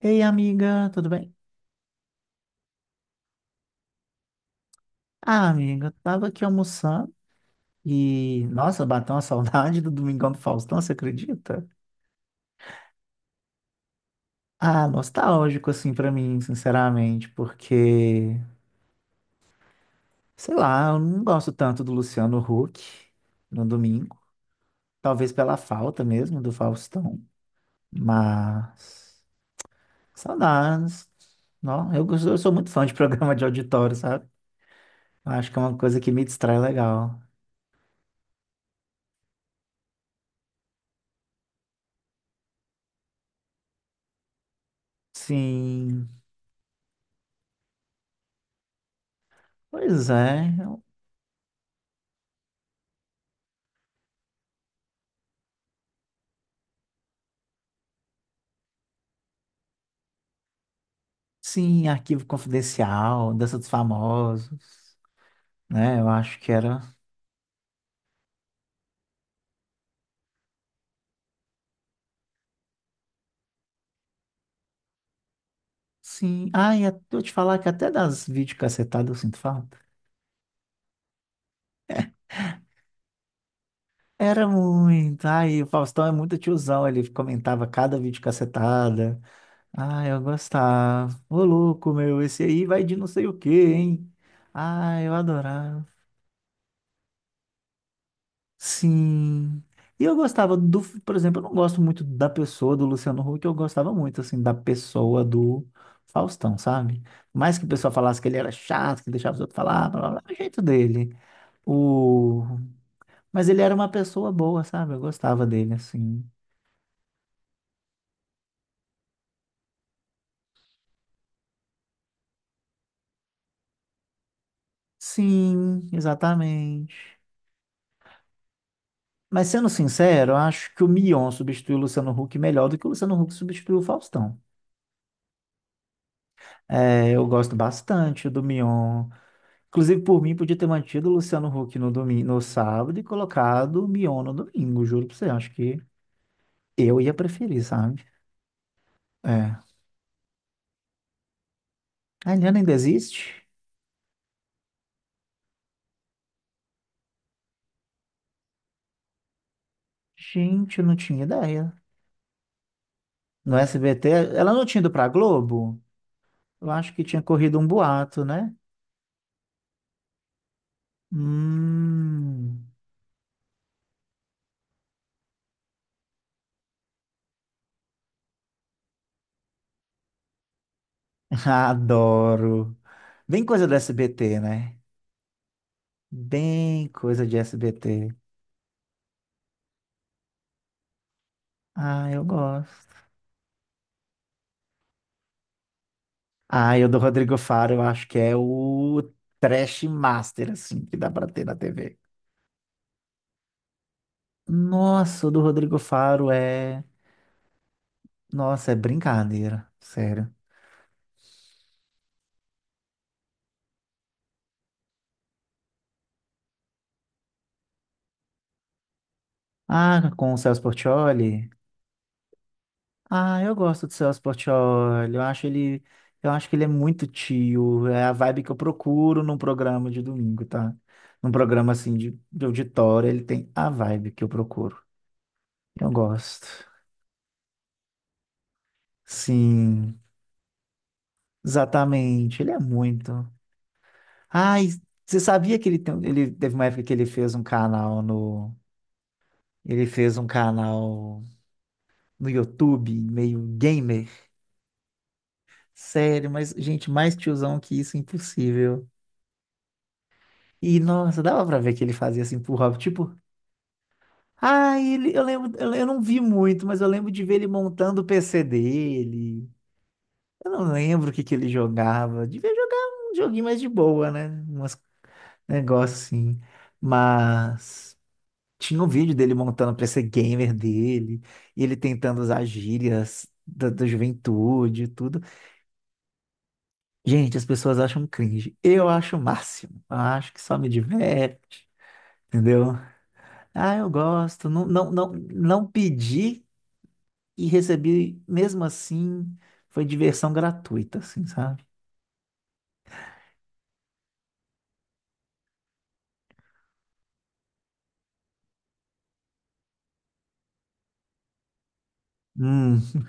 Ei, amiga, tudo bem? Ah, amiga, eu tava aqui almoçando e, nossa, bateu uma saudade do Domingão do Faustão, você acredita? Ah, nostálgico, assim, pra mim, sinceramente, porque, sei lá, eu não gosto tanto do Luciano Huck no domingo, talvez pela falta mesmo do Faustão, mas saudades. Não, eu sou muito fã de programa de auditório, sabe? Acho que é uma coisa que me distrai legal. Sim, pois é. Sim, Arquivo Confidencial, Dança dos Famosos, né? Eu acho que era. Sim. Ai, eu vou te falar que até das videocassetadas eu sinto falta. Era muito. Ai, o Faustão é muito tiozão, ele comentava cada videocassetada. Ai, eu gostava. Ô, louco, meu, esse aí vai de não sei o quê, hein? Ai, eu adorava. Sim. E eu gostava do, por exemplo, eu não gosto muito da pessoa do Luciano Huck, eu gostava muito, assim, da pessoa do Faustão, sabe? Mais que o pessoal falasse que ele era chato, que deixava os outros falar, blá, blá, blá, o jeito dele. O... Mas ele era uma pessoa boa, sabe? Eu gostava dele, assim. Sim, exatamente. Mas sendo sincero, eu acho que o Mion substituiu o Luciano Huck melhor do que o Luciano Huck substituiu o Faustão. É, eu gosto bastante do Mion. Inclusive, por mim, podia ter mantido o Luciano Huck no domingo, no sábado e colocado o Mion no domingo, juro pra você. Acho que eu ia preferir, sabe? É. A Eliana ainda existe? Gente, eu não tinha ideia. No SBT, ela não tinha ido pra Globo? Eu acho que tinha corrido um boato, né? Hum, adoro. Bem coisa do SBT, né? Bem coisa de SBT. Ah, eu gosto. Ah, eu do Rodrigo Faro, eu acho que é o trash master, assim, que dá pra ter na TV. Nossa, o do Rodrigo Faro é. Nossa, é brincadeira, sério. Ah, com o Celso Portiolli? Ah, eu gosto do Celso Portiolli. Eu acho ele. Eu acho que ele é muito tio. É a vibe que eu procuro num programa de domingo, tá? Num programa assim de auditório, ele tem a vibe que eu procuro. Eu gosto. Sim, exatamente. Ele é muito. Ai, você sabia que ele teve uma época que ele fez um canal no, ele fez um canal no YouTube, meio gamer. Sério, mas gente, mais tiozão que isso, impossível. E nossa, dava pra ver que ele fazia assim pro hobby, tipo, ai, ele, eu lembro, eu não vi muito, mas eu lembro de ver ele montando o PC dele. Eu não lembro o que que ele jogava. Devia jogar um joguinho mais de boa, né? Umas negócio assim. Mas tinha um vídeo dele montando pra ser gamer dele, e ele tentando usar gírias da juventude e tudo. Gente, as pessoas acham cringe. Eu acho o máximo. Eu acho que só me diverte, entendeu? Ah, eu gosto. Não, não, não, não pedi e recebi, mesmo assim, foi diversão gratuita, assim, sabe? Hum.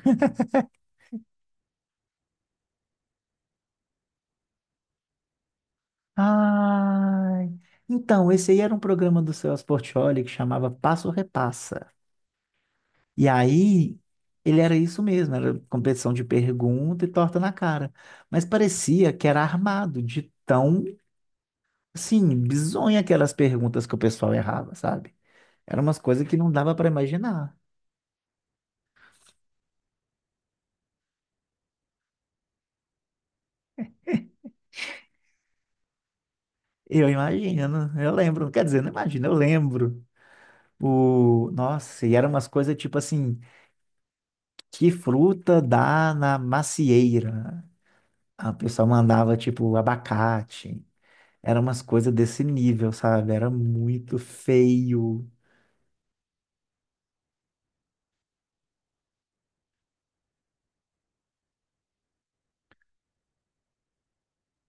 Ai. Então, esse aí era um programa do Celso Portiolli que chamava Passo Repassa. E aí, ele era isso mesmo, era competição de pergunta e torta na cara. Mas parecia que era armado, de tão, assim, bizonha aquelas perguntas que o pessoal errava, sabe? Eram umas coisas que não dava para imaginar. Eu imagino, eu lembro. Quer dizer, não imagino, eu lembro. Nossa, e eram umas coisas tipo assim, que fruta dá na macieira? A pessoa mandava, tipo, abacate. Eram umas coisas desse nível, sabe? Era muito feio.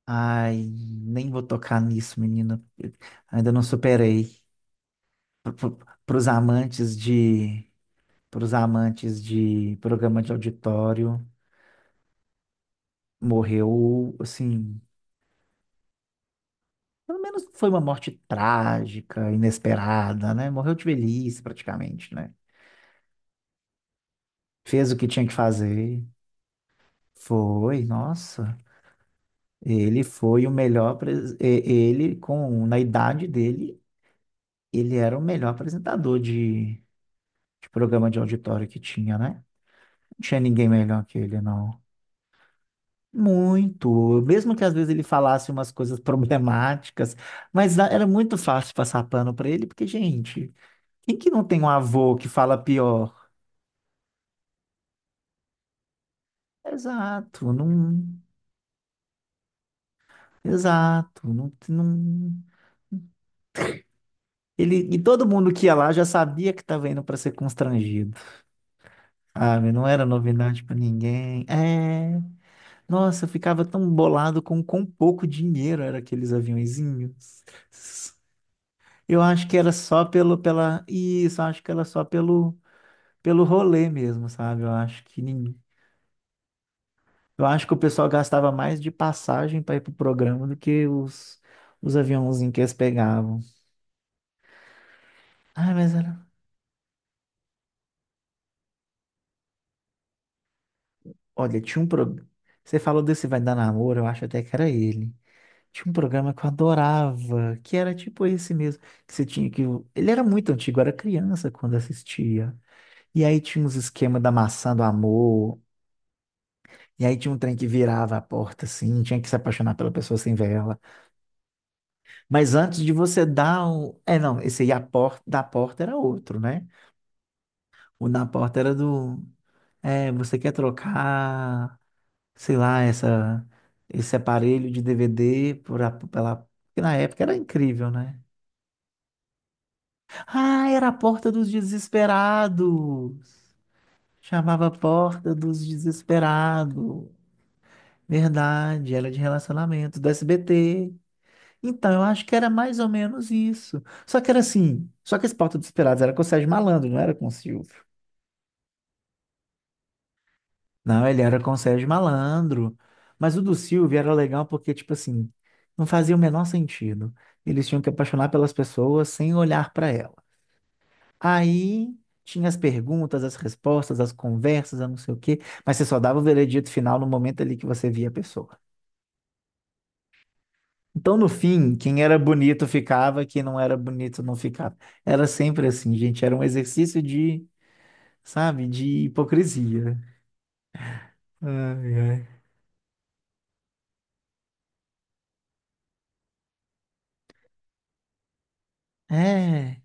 Ai, nem vou tocar nisso, menina. Eu ainda não superei. Para os amantes de, para os amantes de programa de auditório, morreu assim. Pelo menos foi uma morte trágica, inesperada, né? Morreu de velhice, praticamente, né? Fez o que tinha que fazer. Foi, nossa. Ele foi o melhor. Ele, com na idade dele, ele era o melhor apresentador de programa de auditório que tinha, né? Não tinha ninguém melhor que ele, não. Muito. Mesmo que às vezes ele falasse umas coisas problemáticas, mas era muito fácil passar pano pra ele, porque, gente, quem que não tem um avô que fala pior? Exato, não. Exato, não, não. E todo mundo que ia lá já sabia que estava indo para ser constrangido. Sabe? Não era novidade para ninguém. É, nossa, eu ficava tão bolado com quão pouco dinheiro era aqueles aviõezinhos. Eu acho que era só pelo, pela, isso, eu acho que era só pelo, pelo rolê mesmo, sabe? Eu acho que o pessoal gastava mais de passagem para ir pro programa do que os aviãozinhos que eles pegavam. Ah, mas era, olha, tinha um programa, você falou desse Vai Dar Namoro, eu acho até que era ele. Tinha um programa que eu adorava, que era tipo esse mesmo, que você tinha que, ele era muito antigo, eu era criança quando assistia. E aí tinha uns esquemas da maçã do amor, e aí tinha um trem que virava a porta, assim, tinha que se apaixonar pela pessoa sem ver ela. Mas antes de você dar o... É, não, esse aí a porta da porta era outro, né? O da porta era do... É, você quer trocar, sei lá, esse aparelho de DVD por a... pela... Porque na época era incrível, né? Ah, era a porta dos desesperados! Chamava Porta dos Desesperados. Verdade, era de relacionamento, do SBT. Então, eu acho que era mais ou menos isso. Só que era assim, só que esse Porta dos Esperados era com o Sérgio Malandro, não era com o Silvio. Não, ele era com o Sérgio Malandro. Mas o do Silvio era legal porque, tipo assim, não fazia o menor sentido. Eles tinham que apaixonar pelas pessoas sem olhar para ela. Aí tinha as perguntas, as respostas, as conversas, a não sei o quê, mas você só dava o veredito final no momento ali que você via a pessoa. Então, no fim, quem era bonito ficava, quem não era bonito não ficava. Era sempre assim, gente. Era um exercício de, sabe, de hipocrisia. Ai, ai. É,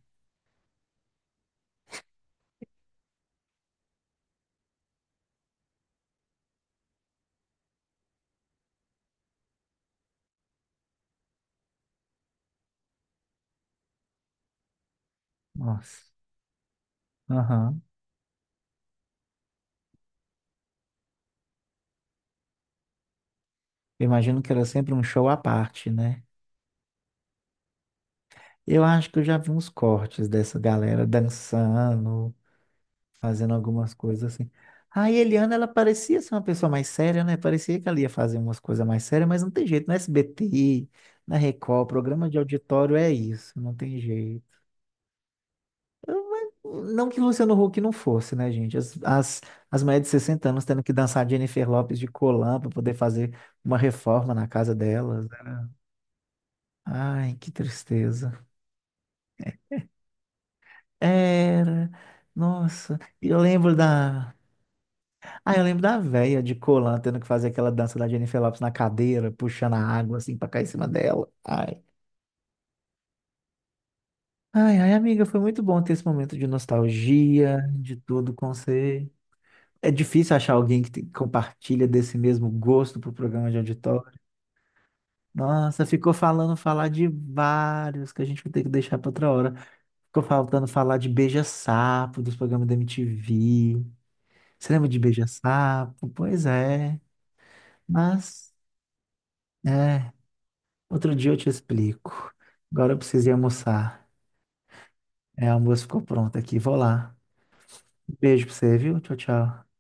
nossa. Aham. Eu imagino que era sempre um show à parte, né? Eu acho que eu já vi uns cortes dessa galera dançando, fazendo algumas coisas assim. A Eliana, ela parecia ser uma pessoa mais séria, né? Parecia que ela ia fazer umas coisas mais sérias, mas não tem jeito. No SBT, na Record, programa de auditório é isso, não tem jeito. Não que o Luciano Huck não fosse, né, gente? As mulheres de 60 anos tendo que dançar Jennifer Lopes de colã para poder fazer uma reforma na casa delas, né? Ai, que tristeza. Era. Nossa, eu lembro da. Ah, eu lembro da véia de colã tendo que fazer aquela dança da Jennifer Lopes na cadeira, puxando a água assim pra cair em cima dela. Ai. Ai, ai, amiga, foi muito bom ter esse momento de nostalgia, de tudo com você. É difícil achar alguém que compartilha desse mesmo gosto pro programa de auditório. Nossa, ficou falando falar de vários que a gente vai ter que deixar para outra hora. Ficou faltando falar de beija-sapo, dos programas da MTV. Você lembra de beija-sapo? Pois é. Mas, é, outro dia eu te explico. Agora eu preciso ir almoçar. É, o almoço ficou pronto aqui. Vou lá. Beijo pra você, viu? Tchau, tchau.